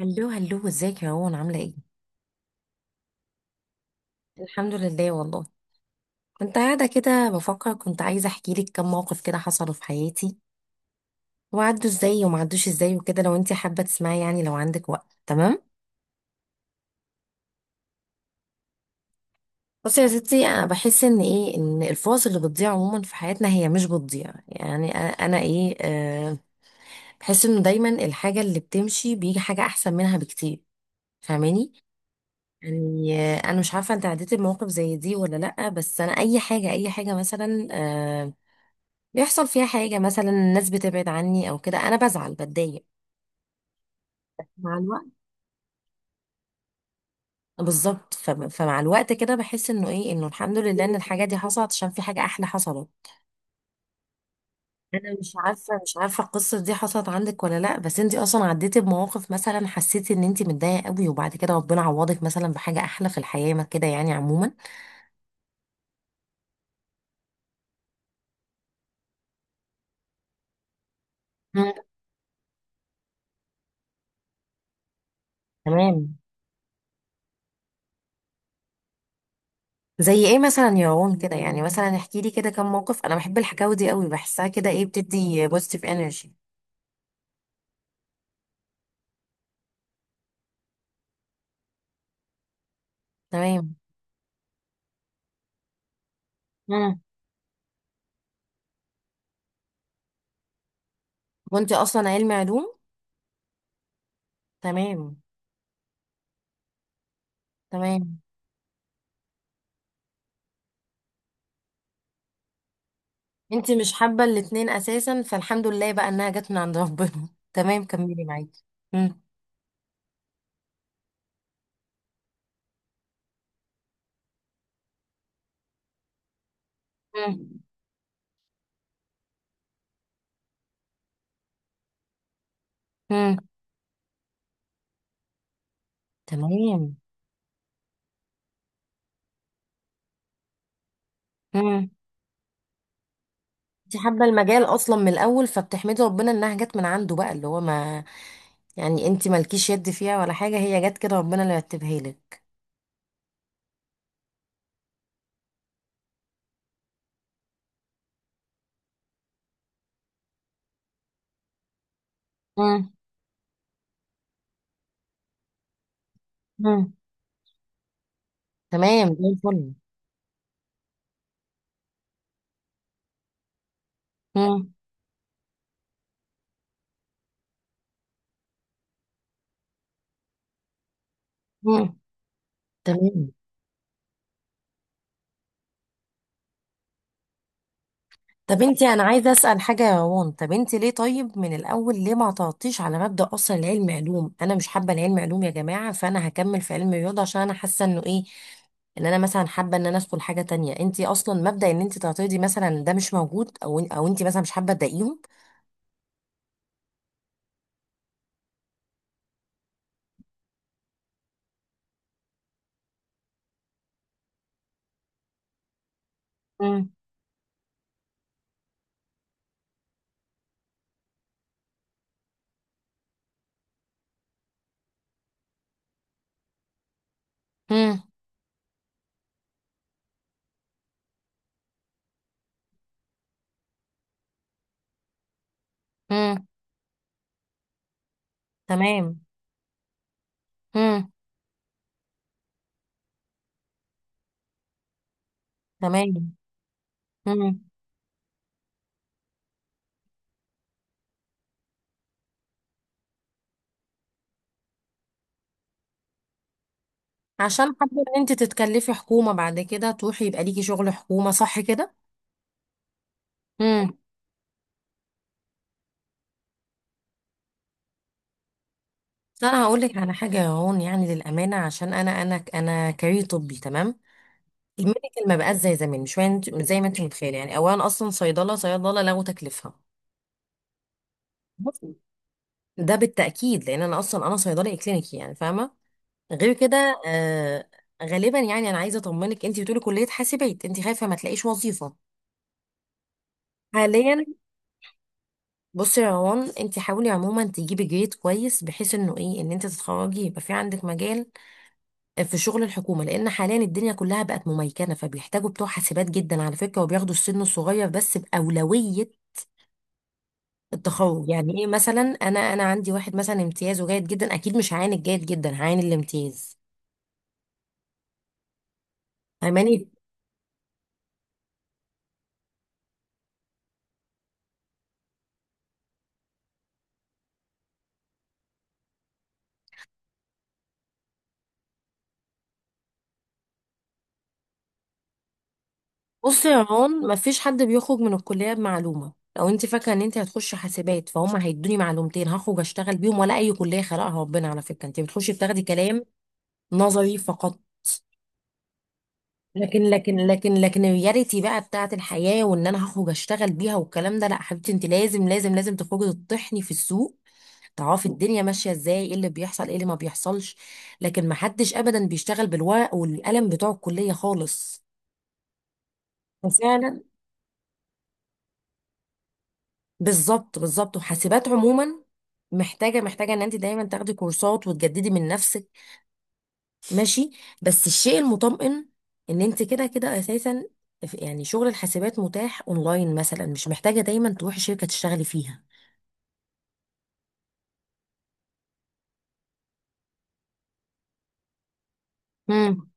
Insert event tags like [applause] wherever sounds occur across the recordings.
هلو هلو، ازيك يا روان؟ عاملة ايه؟ الحمد لله والله. كنت قاعدة كده بفكر، كنت عايزة احكي لك كم موقف كده حصلوا في حياتي، وعدوا ازاي وما عدوش ازاي وكده. لو انت حابة تسمعي، لو عندك وقت، تمام؟ بصي يا ستي، انا بحس ان ايه، ان الفرص اللي بتضيع عموما في حياتنا هي مش بتضيع. يعني انا أنا ايه أه بحس انه دايما الحاجة اللي بتمشي بيجي حاجة احسن منها بكتير. فاهماني؟ انا مش عارفه انت عديتي بمواقف زي دي ولا لا، بس انا اي حاجه، اي حاجه مثلا، بيحصل فيها حاجة، مثلا الناس بتبعد عني أو كده، أنا بزعل، بتضايق مع الوقت. بالظبط. ف- فمع الوقت كده بحس إنه إنه الحمد لله إن الحاجة دي حصلت عشان في حاجة أحلى حصلت. أنا مش عارفة القصة دي حصلت عندك ولا لأ، بس أنتي أصلا عديتي بمواقف مثلا حسيتي إن أنتي متضايقة قوي وبعد كده ربنا عوضك مثلا بحاجة أحلى في الحياة، ما كده يعني عموما؟ مم. تمام. زي ايه مثلا يا روان كده؟ يعني مثلا احكي لي كده كم موقف، انا بحب الحكاوي دي قوي، بحسها كده ايه، بتدي بوزيتيف انرجي. تمام. وانت اصلا علمي علوم. تمام. تمام. انت مش حابه الاتنين اساسا، فالحمد لله بقى انها جت من عند ربنا. [laughs] تمام، كملي معاكي. مم. مم. مم. تمام. مم. انت حابه المجال اصلا من الاول، فبتحمدي ربنا انها جت من عنده بقى، اللي هو ما يعني انت مالكيش يد فيها ولا حاجه، هي جت كده، ربنا اللي رتبها لك. مم. مم. تمام، زي الفل. مم. مم. تمام. طب انتي، انا عايزه اسال حاجه يا روان، طب انتي ليه؟ طيب من الاول ليه ما تعطيش على مبدا اصلا، العلم علوم انا مش حابه العلم علوم يا جماعه، فانا هكمل في علم الرياضه عشان انا حاسه انه ايه، ان انا مثلا حابه ان انا ادخل حاجه تانية. انتي اصلا مبدا ان انتي تعترضي مثلا ده مش موجود، او انتي مثلا مش حابه تضايقيهم؟ امم. امم. تمام. امم. تمام. امم. عشان حابه ان انتي تتكلفي حكومه بعد كده، تروحي يبقى ليكي شغل حكومه، صح كده؟ بس انا هقول لك على حاجه يا هون، يعني للامانه، عشان انا انا كارير طبي، تمام. الميديكال ما بقاش زي زمان، مش زي ما انت متخيله. يعني اولا، اصلا صيدله لغوا تكليفها. بصي، ده بالتاكيد لان انا اصلا انا صيدلي كلينيكي، يعني فاهمه. غير كده غالبا، يعني انا عايزه اطمنك، انت بتقولي كليه حاسبات انت خايفه ما تلاقيش وظيفه حاليا. بصي يا روان، انت حاولي عموما تجيبي جريد كويس، بحيث انه ايه، ان انت تتخرجي يبقى في عندك مجال في شغل الحكومة، لأن حاليا الدنيا كلها بقت مميكنة، فبيحتاجوا بتوع حاسبات جدا على فكرة، وبياخدوا السن الصغير بس بأولوية التخرج. يعني إيه؟ مثلا أنا عندي واحد مثلا امتيازه جيد جدا، أكيد مش هعاين الجيد جدا، هعاين الامتياز. فاهماني؟ بص يا رون، مفيش حد بيخرج من الكلية بمعلومة، لو انت فاكرة ان انت هتخش حاسبات فهم هيدوني معلومتين هخرج اشتغل بيهم ولا اي كلية خلقها ربنا، على فكرة انت بتخشي بتاخدي كلام نظري فقط. لكن الرياليتي بقى بتاعت الحياة، وان انا هخرج اشتغل بيها والكلام ده، لا حبيبتي، انت لازم تخرجي تطحني في السوق، تعرفي الدنيا ماشية ازاي، ايه اللي بيحصل ايه اللي ما بيحصلش. لكن ما حدش ابدا بيشتغل بالورق والقلم بتوع الكلية خالص. وفعلا. بالظبط بالظبط. وحاسبات عموما محتاجة ان انت دايما تاخدي كورسات وتجددي من نفسك. ماشي. بس الشيء المطمئن ان انت كده كده اساسا يعني شغل الحاسبات متاح اونلاين مثلا، مش محتاجه دايما تروحي شركه تشتغلي فيها. امم.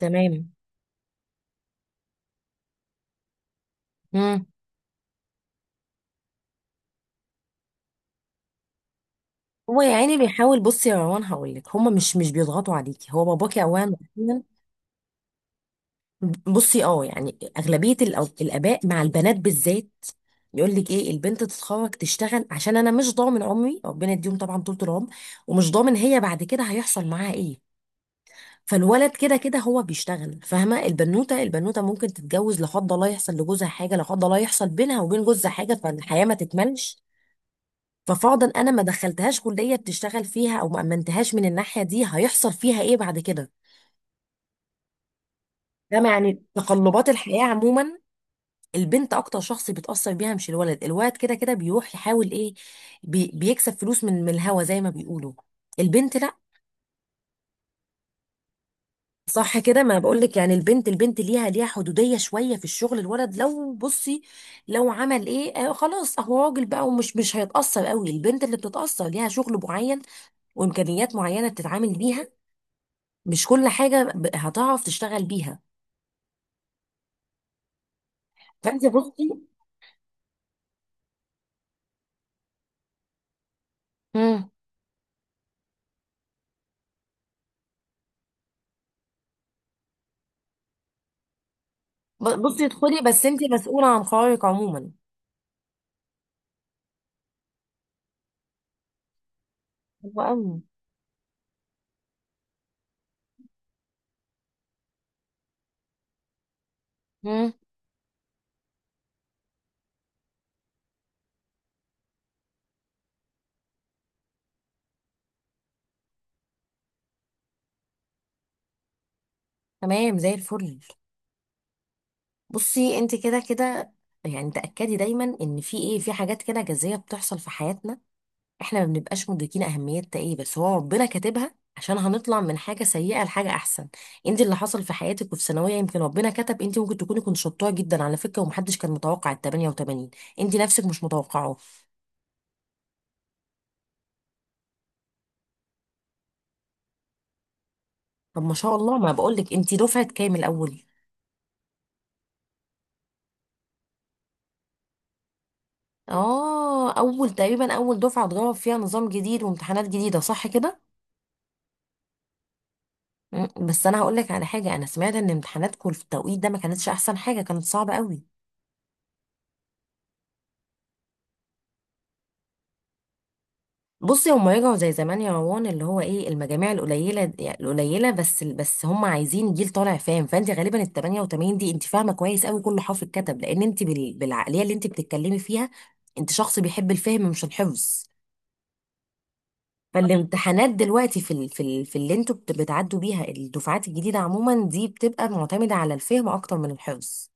تمام. امم. هو يا عيني بيحاول. بصي يا روان، هقول لك، هما مش بيضغطوا عليكي، هو باباكي اولا وأخيراً. بصي اه، يعني اغلبيه الاباء مع البنات بالذات يقول لك ايه، البنت تتخرج تشتغل عشان انا مش ضامن عمري، ربنا يديهم طبعا طول العمر، ومش ضامن هي بعد كده هيحصل معاها ايه. فالولد كده كده هو بيشتغل، فاهمه؟ البنوته، البنوته ممكن تتجوز لا قدر الله يحصل لجوزها حاجه، لا قدر الله يحصل بينها وبين جوزها حاجه، فالحياه ما تكملش. ففرضا انا ما دخلتهاش كليه بتشتغل فيها او ما امنتهاش من الناحيه دي، هيحصل فيها ايه بعد كده؟ فاهمه؟ يعني تقلبات الحياه عموما البنت اكتر شخص بيتاثر بيها، مش الولد. الولد كده كده بيروح يحاول ايه، بيكسب فلوس من الهوا زي ما بيقولوا. البنت لا. صح كده، ما بقولك، يعني البنت، البنت ليها، ليها حدودية شوية في الشغل. الولد لو بصي لو عمل ايه آه، خلاص هو راجل بقى، ومش مش هيتأثر قوي. البنت اللي بتتأثر، ليها شغل معين وإمكانيات معينة بتتعامل بيها، مش كل حاجة هتعرف تشتغل بيها. فانت بصي. مم. بصي ادخلي بس انت مسؤولة عن قرارك عموما. حلو قوي. مم. تمام، زي الفل. بصي انت كده كده، يعني تأكدي دايما ان في ايه، في حاجات كده جذرية بتحصل في حياتنا احنا ما بنبقاش مدركين اهميتها ايه، بس هو ربنا كاتبها عشان هنطلع من حاجه سيئه لحاجه احسن. انت اللي حصل في حياتك وفي ثانويه، يمكن ربنا كتب، انت ممكن تكوني كنت شطوره جدا على فكره، ومحدش كان متوقع ال 88، انت نفسك مش متوقعه. طب ما شاء الله، ما بقولك انت دفعه كام الاول؟ اه، اول تقريبا اول دفعه اتجرب فيها نظام جديد وامتحانات جديده، صح كده؟ مم، بس انا هقولك على حاجه، انا سمعت ان امتحاناتكم في التوقيت ده ما كانتش احسن حاجه، كانت صعبه قوي. بصي، هما يرجعوا زي زمان يا روان، اللي هو ايه، المجاميع القليله، يعني القليله بس. بس هما عايزين جيل طالع فاهم، فانت غالبا ال 88 دي انت فاهمه كويس قوي كل حرف اتكتب، لان انت بالعقليه اللي انت بتتكلمي فيها انت شخص بيحب الفهم مش الحفظ. فالامتحانات دلوقتي في اللي انتوا بتعدوا بيها الدفعات الجديده عموما دي بتبقى معتمده على الفهم اكتر من الحفظ.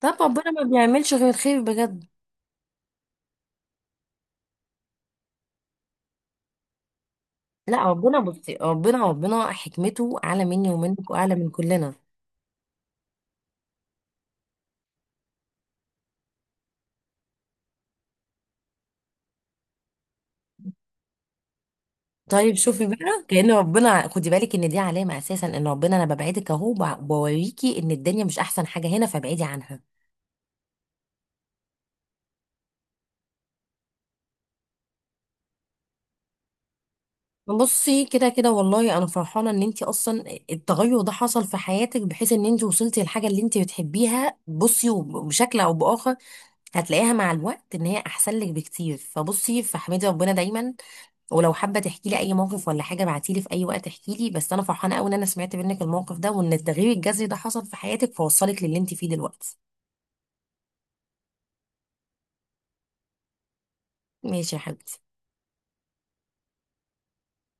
طب ربنا ما بيعملش غير الخير بجد. لا، ربنا بصي، ربنا حكمته اعلى مني ومنك واعلى من كلنا. طيب شوفي بقى، كأن ربنا، خدي بالك ان دي علامة اساسا، ان ربنا انا ببعدك اهو، بوريكي ان الدنيا مش احسن حاجة هنا فابعدي عنها. بصي كده كده والله انا فرحانة ان انت اصلا التغير ده حصل في حياتك، بحيث ان انت وصلتي للحاجة اللي انت بتحبيها. بصي، بشكل او باخر هتلاقيها مع الوقت ان هي احسن لك بكتير. فبصي، فاحمدي ربنا دايما. ولو حابة تحكي لي اي موقف ولا حاجة ابعتي لي في اي وقت، احكي لي. بس انا فرحانة قوي ان انا سمعت منك الموقف ده، وان التغيير الجذري ده حصل في حياتك فوصلك للي انت فيه دلوقتي. ماشي يا حبيبي.